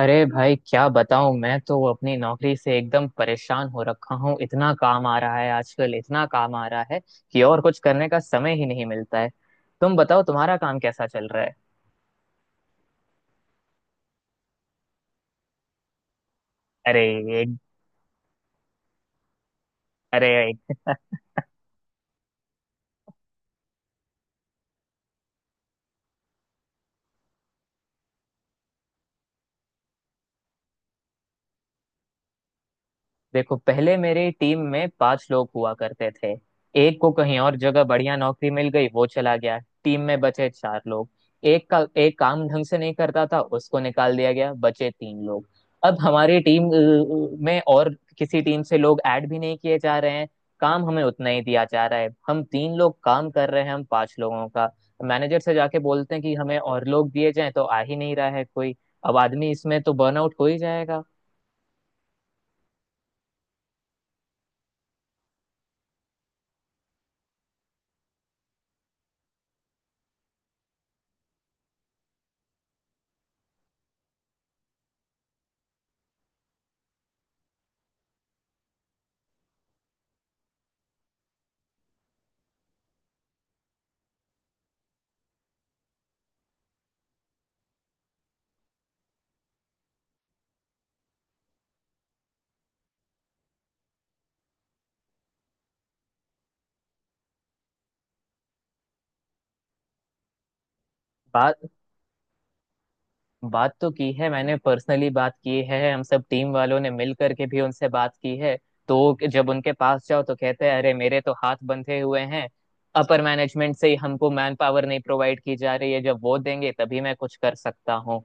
अरे भाई क्या बताऊं, मैं तो अपनी नौकरी से एकदम परेशान हो रखा हूँ। इतना काम आ रहा है आजकल, इतना काम आ रहा है कि और कुछ करने का समय ही नहीं मिलता है। तुम बताओ, तुम्हारा काम कैसा चल रहा है? अरे। एक। अरे। देखो, पहले मेरी टीम में पांच लोग हुआ करते थे। एक को कहीं और जगह बढ़िया नौकरी मिल गई, वो चला गया। टीम में बचे चार लोग। एक का एक काम ढंग से नहीं करता था, उसको निकाल दिया गया, बचे तीन लोग। अब हमारी टीम में और किसी टीम से लोग ऐड भी नहीं किए जा रहे हैं। काम हमें उतना ही दिया जा रहा है, हम तीन लोग काम कर रहे हैं हम पांच लोगों का। मैनेजर से जाके बोलते हैं कि हमें और लोग दिए जाएं, तो आ ही नहीं रहा है कोई। अब आदमी इसमें तो बर्नआउट हो ही जाएगा। बात बात तो की है, मैंने पर्सनली बात की है, हम सब टीम वालों ने मिल करके भी उनसे बात की है। तो जब उनके पास जाओ तो कहते हैं अरे मेरे तो हाथ बंधे हुए हैं। अपर मैनेजमेंट से ही हमको मैन पावर नहीं प्रोवाइड की जा रही है, जब वो देंगे तभी मैं कुछ कर सकता हूँ।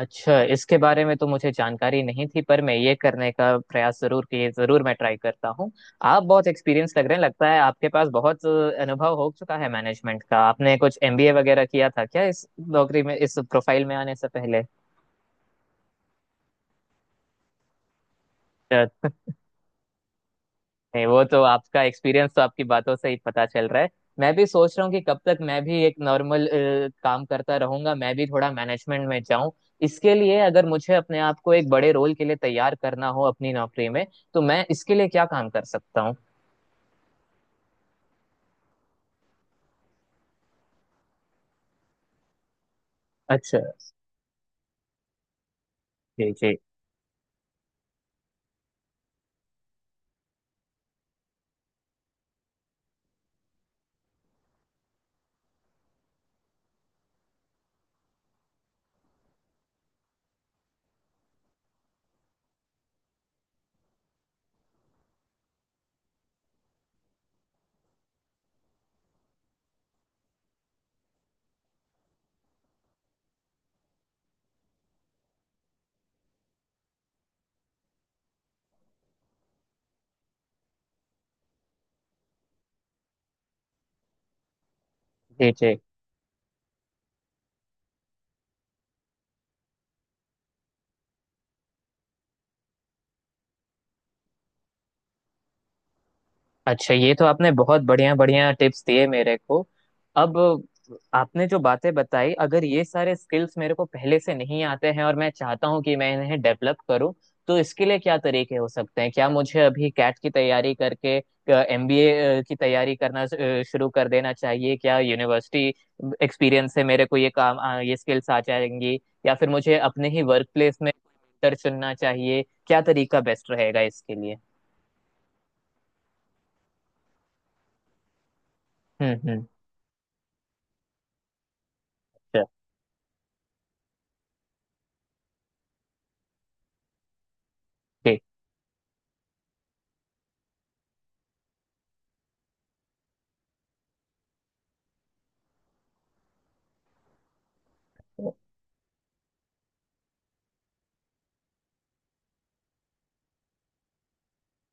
अच्छा, इसके बारे में तो मुझे जानकारी नहीं थी, पर मैं ये करने का प्रयास जरूर किए, जरूर मैं ट्राई करता हूँ। आप बहुत एक्सपीरियंस लग रहे हैं, लगता है आपके पास बहुत अनुभव हो चुका है मैनेजमेंट का। आपने कुछ एमबीए वगैरह किया था क्या इस नौकरी में, इस प्रोफाइल में आने से पहले? अच्छा। नहीं, वो तो आपका एक्सपीरियंस तो आपकी बातों से ही पता चल रहा है। मैं भी सोच रहा हूँ कि कब तक मैं भी एक नॉर्मल काम करता रहूंगा, मैं भी थोड़ा मैनेजमेंट में जाऊं। इसके लिए अगर मुझे अपने आप को एक बड़े रोल के लिए तैयार करना हो अपनी नौकरी में, तो मैं इसके लिए क्या काम कर सकता हूँ? अच्छा। जी जी। जी जी। अच्छा, ये तो आपने बहुत बढ़िया बढ़िया टिप्स दिए मेरे को। अब आपने जो बातें बताई, अगर ये सारे स्किल्स मेरे को पहले से नहीं आते हैं और मैं चाहता हूँ कि मैं इन्हें डेवलप करूँ, तो इसके लिए क्या तरीके हो सकते हैं? क्या मुझे अभी कैट की तैयारी करके एमबीए की तैयारी करना शुरू कर देना चाहिए? क्या यूनिवर्सिटी एक्सपीरियंस से मेरे को ये काम, ये स्किल्स आ जाएंगी? या फिर मुझे अपने ही वर्क प्लेस में mentor चुनना चाहिए? क्या तरीका बेस्ट रहेगा इसके लिए? हम्म। अच्छा, ठीक।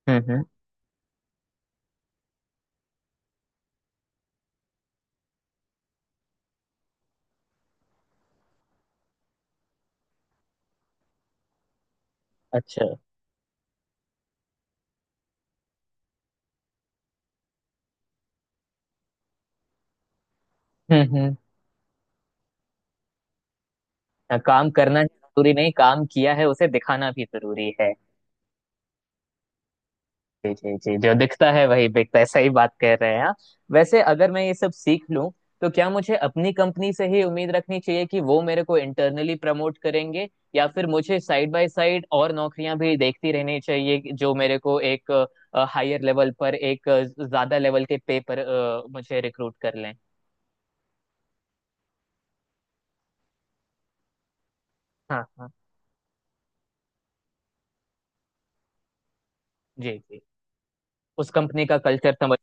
हम्म हम्म, अच्छा। हम्म। हाँ, काम करना जरूरी नहीं, काम किया है उसे दिखाना भी जरूरी है। जी जी जी, जो दिखता है वही बिकता है, सही बात कह रहे हैं आप। वैसे अगर मैं ये सब सीख लूं, तो क्या मुझे अपनी कंपनी से ही उम्मीद रखनी चाहिए कि वो मेरे को इंटरनली प्रमोट करेंगे? या फिर मुझे साइड बाय साइड और नौकरियां भी देखती रहनी चाहिए कि जो मेरे को एक हायर लेवल पर, एक ज्यादा लेवल के पे पर मुझे रिक्रूट कर लें? हाँ हाँ। जी जी। उस कंपनी का कल्चर समझ।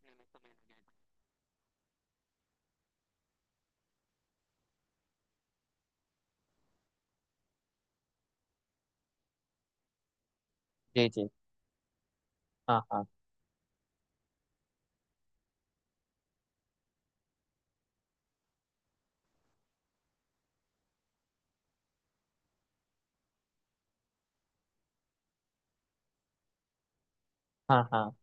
जी जी। हाँ हाँ। हाँ हाँ।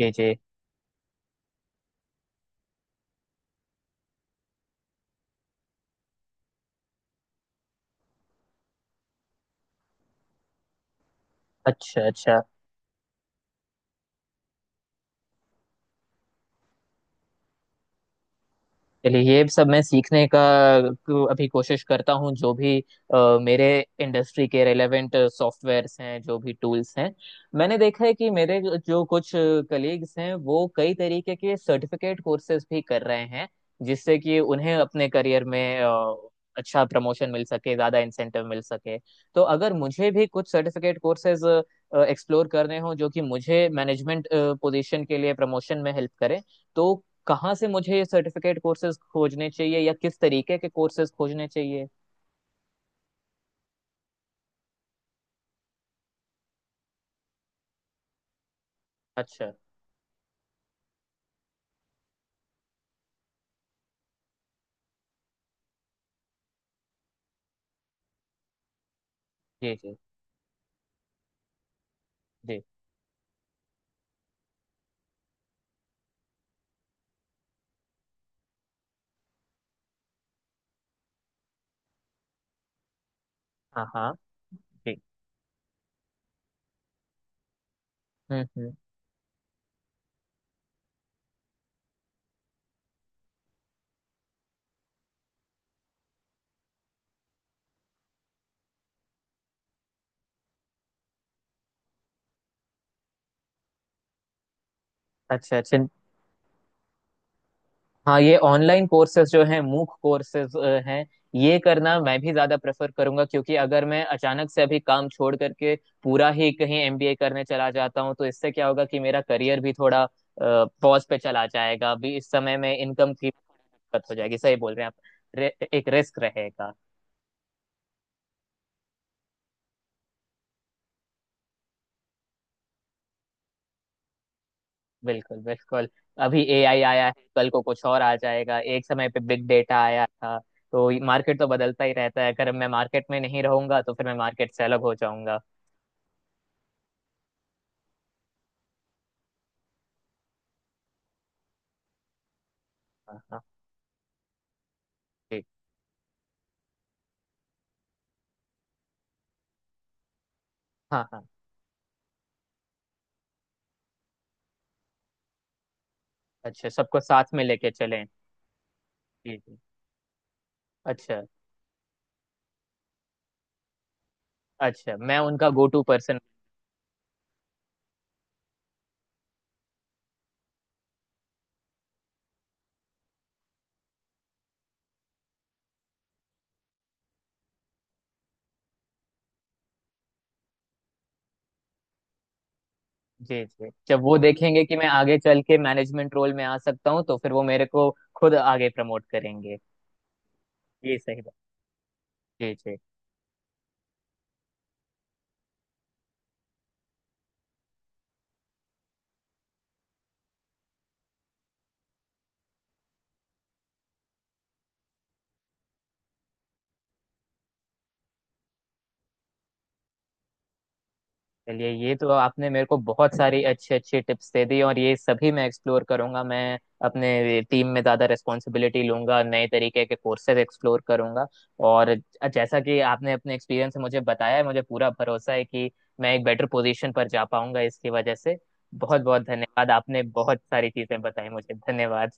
जी जी। अच्छा अच्छा। चलिए, ये सब मैं सीखने का अभी कोशिश करता हूँ, जो भी मेरे इंडस्ट्री के रेलेवेंट सॉफ्टवेयर्स हैं, जो भी टूल्स हैं। मैंने देखा है कि मेरे जो कुछ कलीग्स हैं वो कई तरीके के सर्टिफिकेट कोर्सेज भी कर रहे हैं, जिससे कि उन्हें अपने करियर में अच्छा प्रमोशन मिल सके, ज़्यादा इंसेंटिव मिल सके। तो अगर मुझे भी कुछ सर्टिफिकेट कोर्सेज एक्सप्लोर करने हो जो कि मुझे मैनेजमेंट पोजीशन के लिए प्रमोशन में हेल्प करें, तो कहाँ से मुझे ये सर्टिफिकेट कोर्सेज खोजने चाहिए, या किस तरीके के कोर्सेज खोजने चाहिए? अच्छा। जी जी। जी। हाँ हाँ। जी। हम्म। अच्छा अच्छा। हाँ, ये ऑनलाइन कोर्सेज जो हैं, मूक कोर्सेज हैं, ये करना मैं भी ज्यादा प्रेफर करूंगा। क्योंकि अगर मैं अचानक से अभी काम छोड़ करके पूरा ही कहीं एमबीए करने चला जाता हूँ, तो इससे क्या होगा कि मेरा करियर भी थोड़ा पॉज पे चला जाएगा, अभी इस समय में इनकम की दिक्कत हो जाएगी। सही बोल रहे हैं आप। एक रिस्क रहेगा। बिल्कुल बिल्कुल। अभी एआई आया है, कल को कुछ और आ जाएगा। एक समय पे बिग डेटा आया था। तो मार्केट तो बदलता ही रहता है, अगर मैं मार्केट में नहीं रहूंगा तो फिर मैं मार्केट से अलग हो जाऊंगा। हाँ हाँ। ठीक। हाँ हाँ। अच्छा, सबको साथ में लेके चलें। जी जी। अच्छा। अच्छा, मैं उनका गो टू पर्सन। जी जी। जब वो देखेंगे कि मैं आगे चल के मैनेजमेंट रोल में आ सकता हूँ, तो फिर वो मेरे को खुद आगे प्रमोट करेंगे। ये सही बात। जी जी। चलिए, ये तो आपने मेरे को बहुत सारी अच्छी अच्छी टिप्स दे दी, और ये सभी मैं एक्सप्लोर करूंगा। मैं अपने टीम में ज़्यादा रिस्पॉन्सिबिलिटी लूंगा, नए तरीके के कोर्सेज एक्सप्लोर करूंगा, और जैसा कि आपने अपने एक्सपीरियंस से मुझे बताया है, मुझे पूरा भरोसा है कि मैं एक बेटर पोजीशन पर जा पाऊंगा इसकी वजह से। बहुत बहुत धन्यवाद, आपने बहुत सारी चीज़ें बताई मुझे, धन्यवाद।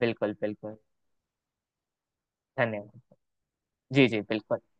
बिल्कुल बिल्कुल। धन्यवाद। जी जी, बिल्कुल।